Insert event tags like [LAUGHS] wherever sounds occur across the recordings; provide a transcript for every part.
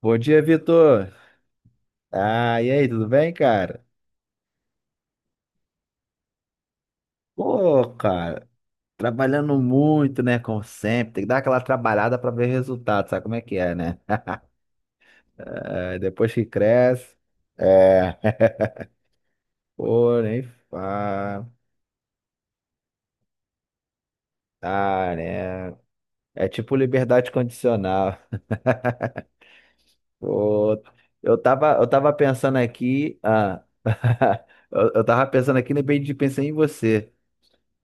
Bom dia, Vitor. E aí, tudo bem, cara? Pô, cara, trabalhando muito, né? Como sempre, tem que dar aquela trabalhada pra ver resultado, sabe como é que é, né? É, depois que cresce, é, pô, nem fa... Ah, né? É tipo liberdade condicional. Pô, eu tava pensando aqui, [LAUGHS] eu tava pensando aqui, de repente pensei em você.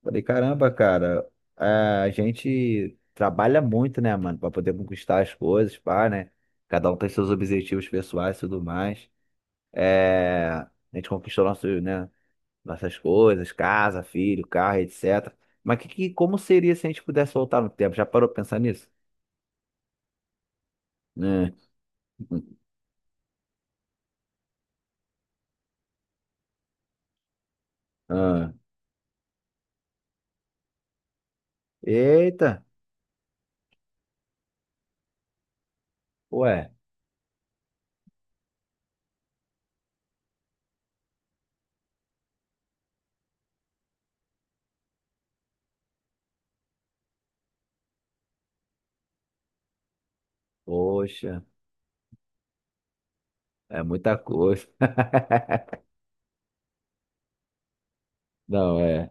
Falei, caramba, cara, a gente trabalha muito, né, mano, pra poder conquistar as coisas, pá, né? Cada um tem seus objetivos pessoais e tudo mais. É, a gente conquistou nosso, né, nossas coisas, casa, filho, carro, etc. Mas como seria se a gente pudesse voltar no tempo? Já parou pra pensar nisso? Né? [LAUGHS] Ah, eita, ué, poxa, é muita coisa. [LAUGHS] Não, é.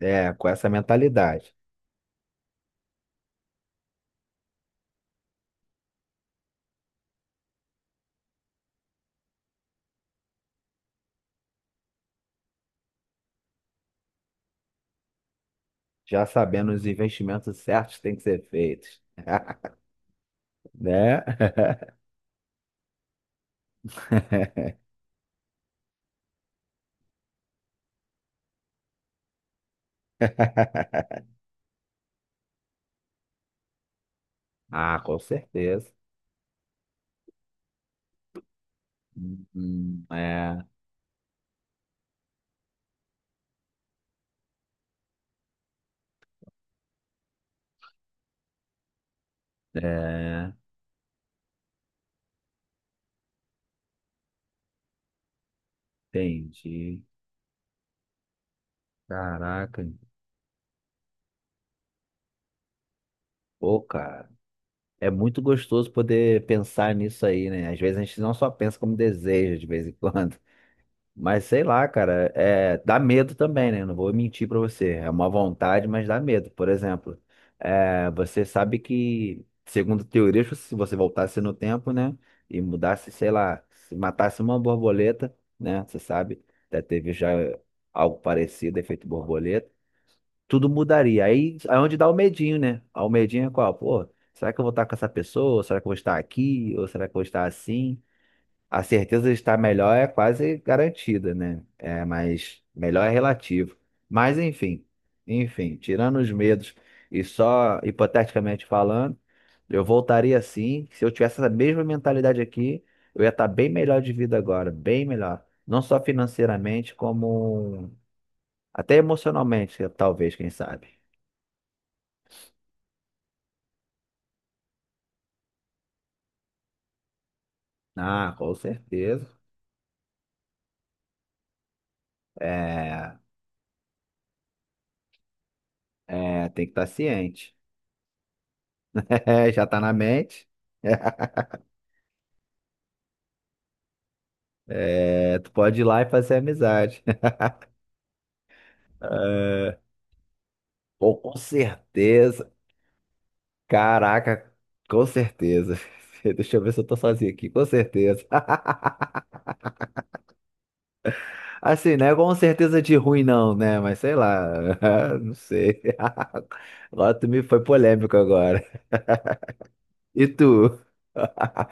É, com essa mentalidade. Já sabendo os investimentos certos que têm que ser feitos, [LAUGHS] né? [LAUGHS] Ah, com certeza. É, é, entendi. Caraca, pô, cara. É muito gostoso poder pensar nisso aí, né? Às vezes a gente não só pensa como deseja de vez em quando. Mas sei lá, cara, é, dá medo também, né? Não vou mentir pra você. É uma vontade, mas dá medo. Por exemplo, é, você sabe que, segundo teorias, se você voltasse no tempo, né? E mudasse, sei lá, se matasse uma borboleta, né? Você sabe, até teve já algo parecido, efeito borboleta. Tudo mudaria. Aí é onde dá o medinho, né? Ah, o medinho é qual? Pô, será que eu vou estar com essa pessoa? Será que eu vou estar aqui? Ou será que eu vou estar assim? A certeza de estar melhor é quase garantida, né? É, mas melhor é relativo. Mas enfim, Enfim, tirando os medos e só hipoteticamente falando, eu voltaria sim. Se eu tivesse essa mesma mentalidade aqui, eu ia estar bem melhor de vida agora, bem melhor. Não só financeiramente, como até emocionalmente, talvez, quem sabe. Ah, com certeza. É, é, tem que estar ciente. [LAUGHS] Já está na mente. [LAUGHS] É, tu pode ir lá e fazer amizade. [LAUGHS] É, pô, com certeza. Caraca, com certeza. [LAUGHS] Deixa eu ver se eu tô sozinho aqui, com certeza. [LAUGHS] Assim, não é com certeza de ruim, não, né? Mas sei lá, [LAUGHS] não sei. [LAUGHS] Agora tu me foi polêmico agora. E tu? [LAUGHS]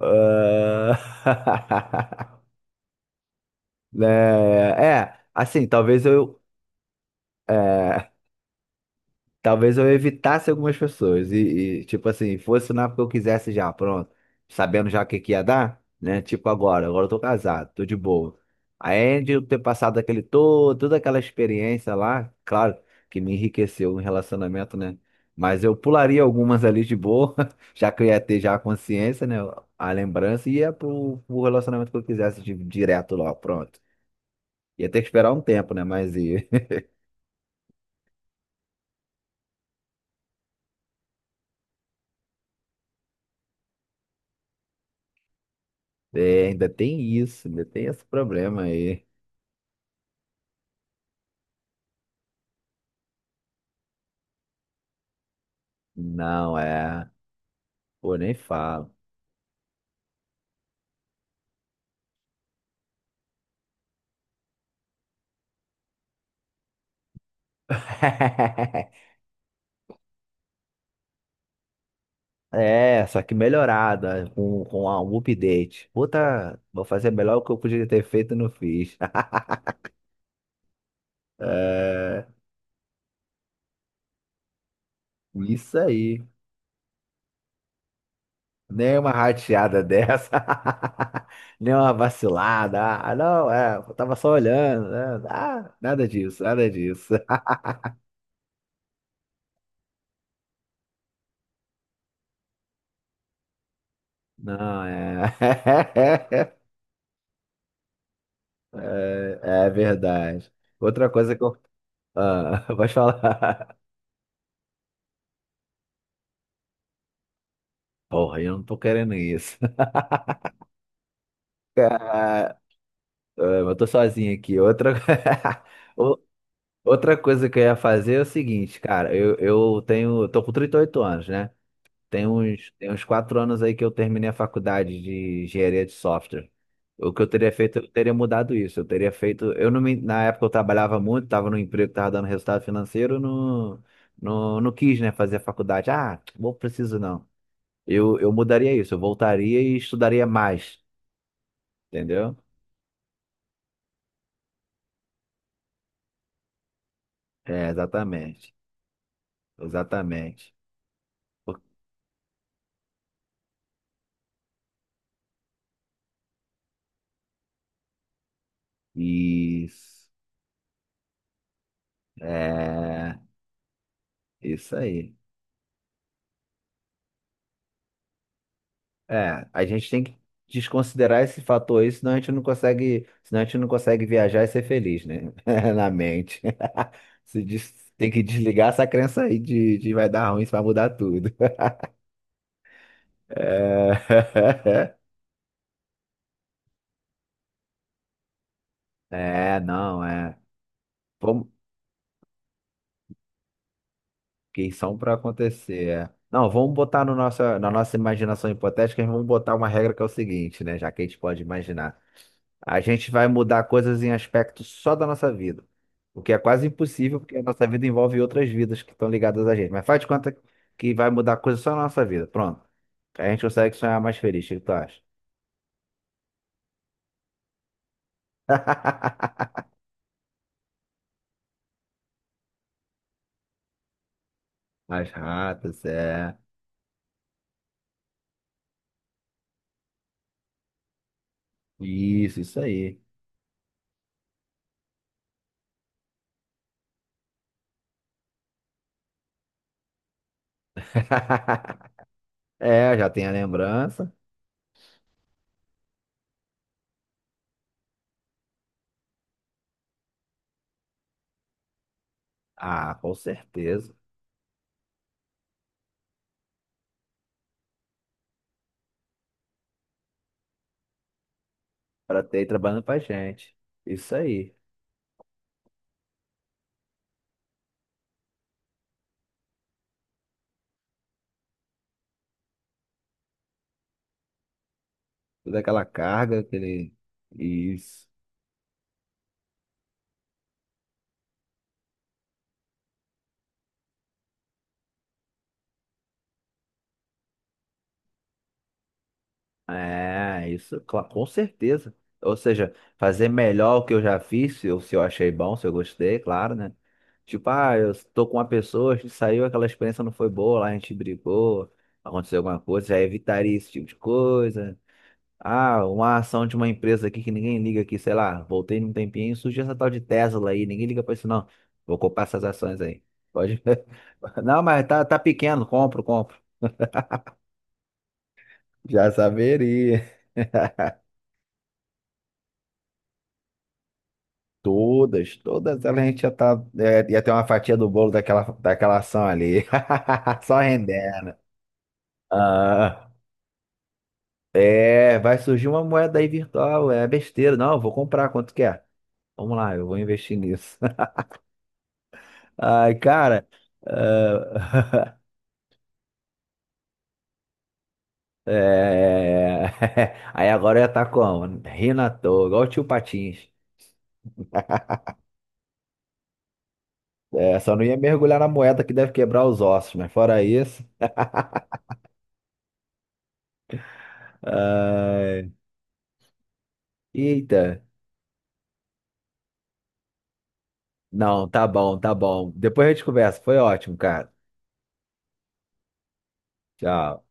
Ah, [LAUGHS] né, é, assim, talvez eu. É, talvez eu evitasse algumas pessoas e tipo assim, fosse na época que eu quisesse já, pronto, sabendo já o que que ia dar, né? Tipo agora, agora eu tô casado, tô de boa. Aí de eu ter passado aquele todo, toda aquela experiência lá, claro que me enriqueceu no relacionamento, né? Mas eu pularia algumas ali de boa, [LAUGHS] já que eu ia ter já a consciência, né? A lembrança e ia pro relacionamento que eu quisesse direto lá, pronto. Ia ter que esperar um tempo, né? Mas ia. [LAUGHS] É, ainda tem isso, ainda tem esse problema aí. Não é. Pô, nem falo. [LAUGHS] É, só que melhorada, com um update. Puta, vou fazer melhor o que eu podia ter feito e não fiz. [LAUGHS] É, isso aí. Nem uma rateada dessa. [LAUGHS] Nem uma vacilada. Ah, não, é, eu tava só olhando. Né? Ah, nada disso, nada disso. Não, é. [LAUGHS] É, é verdade. Outra coisa que eu. Ah, [LAUGHS] pode falar. Porra, eu não tô querendo isso. Ah, eu tô sozinho aqui. Outra, [LAUGHS] O- outra coisa que eu ia fazer é o seguinte, cara, eu tenho, eu tô com 38 anos, né? Tem uns 4 anos aí que eu terminei a faculdade de engenharia de software. O que eu teria feito, eu teria mudado isso. Eu teria feito, eu não me, na época eu trabalhava muito, tava no emprego, que tava dando resultado financeiro, não quis, né, fazer a faculdade. Ah, não preciso não. Eu mudaria isso, eu voltaria e estudaria mais, entendeu? É, exatamente. Exatamente. Isso. É, isso aí. É, a gente tem que desconsiderar esse fator aí, senão a gente não consegue, senão a gente não consegue viajar e ser feliz, né? [LAUGHS] Na mente. [LAUGHS] Se des- Tem que desligar essa crença aí de vai dar ruim, isso vai mudar tudo. [LAUGHS] É, [LAUGHS] é, não, é. Vamos... Que são para acontecer. É. Não, vamos botar no nosso, na nossa imaginação hipotética, vamos botar uma regra que é o seguinte, né? Já que a gente pode imaginar. A gente vai mudar coisas em aspectos só da nossa vida. O que é quase impossível, porque a nossa vida envolve outras vidas que estão ligadas a gente. Mas faz de conta que vai mudar coisas só na nossa vida. Pronto. A gente consegue sonhar mais feliz. O que tu acha? [LAUGHS] As ratas, é. Isso aí. [LAUGHS] É, já tem a lembrança. Ah, com certeza. Para ter trabalhando pra gente. Isso aí. Toda aquela carga, aquele. Isso. É, isso, com certeza. Ou seja, fazer melhor o que eu já fiz, se eu achei bom, se eu gostei, claro, né? Tipo, ah, eu tô com uma pessoa, a gente saiu, aquela experiência não foi boa, lá a gente brigou, aconteceu alguma coisa, já evitaria esse tipo de coisa. Ah, uma ação de uma empresa aqui que ninguém liga aqui, sei lá, voltei num tempinho, surgiu essa tal de Tesla aí, ninguém liga pra isso não. Vou comprar essas ações aí. Pode. [LAUGHS] ver. Não, mas tá, tá pequeno, compro. Já saberia. Todas, todas elas a gente já tá. É, ia ter uma fatia do bolo daquela, daquela ação ali. [LAUGHS] Só render. Ah, é, vai surgir uma moeda aí virtual, é besteira. Não, eu vou comprar quanto quer. Vamos lá, eu vou investir nisso. [LAUGHS] Ai, cara. Ah, [LAUGHS] é, [LAUGHS] aí agora eu ia estar como? Rindo à toa, igual o tio Patins. É, só não ia mergulhar na moeda que deve quebrar os ossos, mas fora isso. Ai, eita. Não, tá bom, tá bom. Depois a gente conversa. Foi ótimo, cara. Tchau.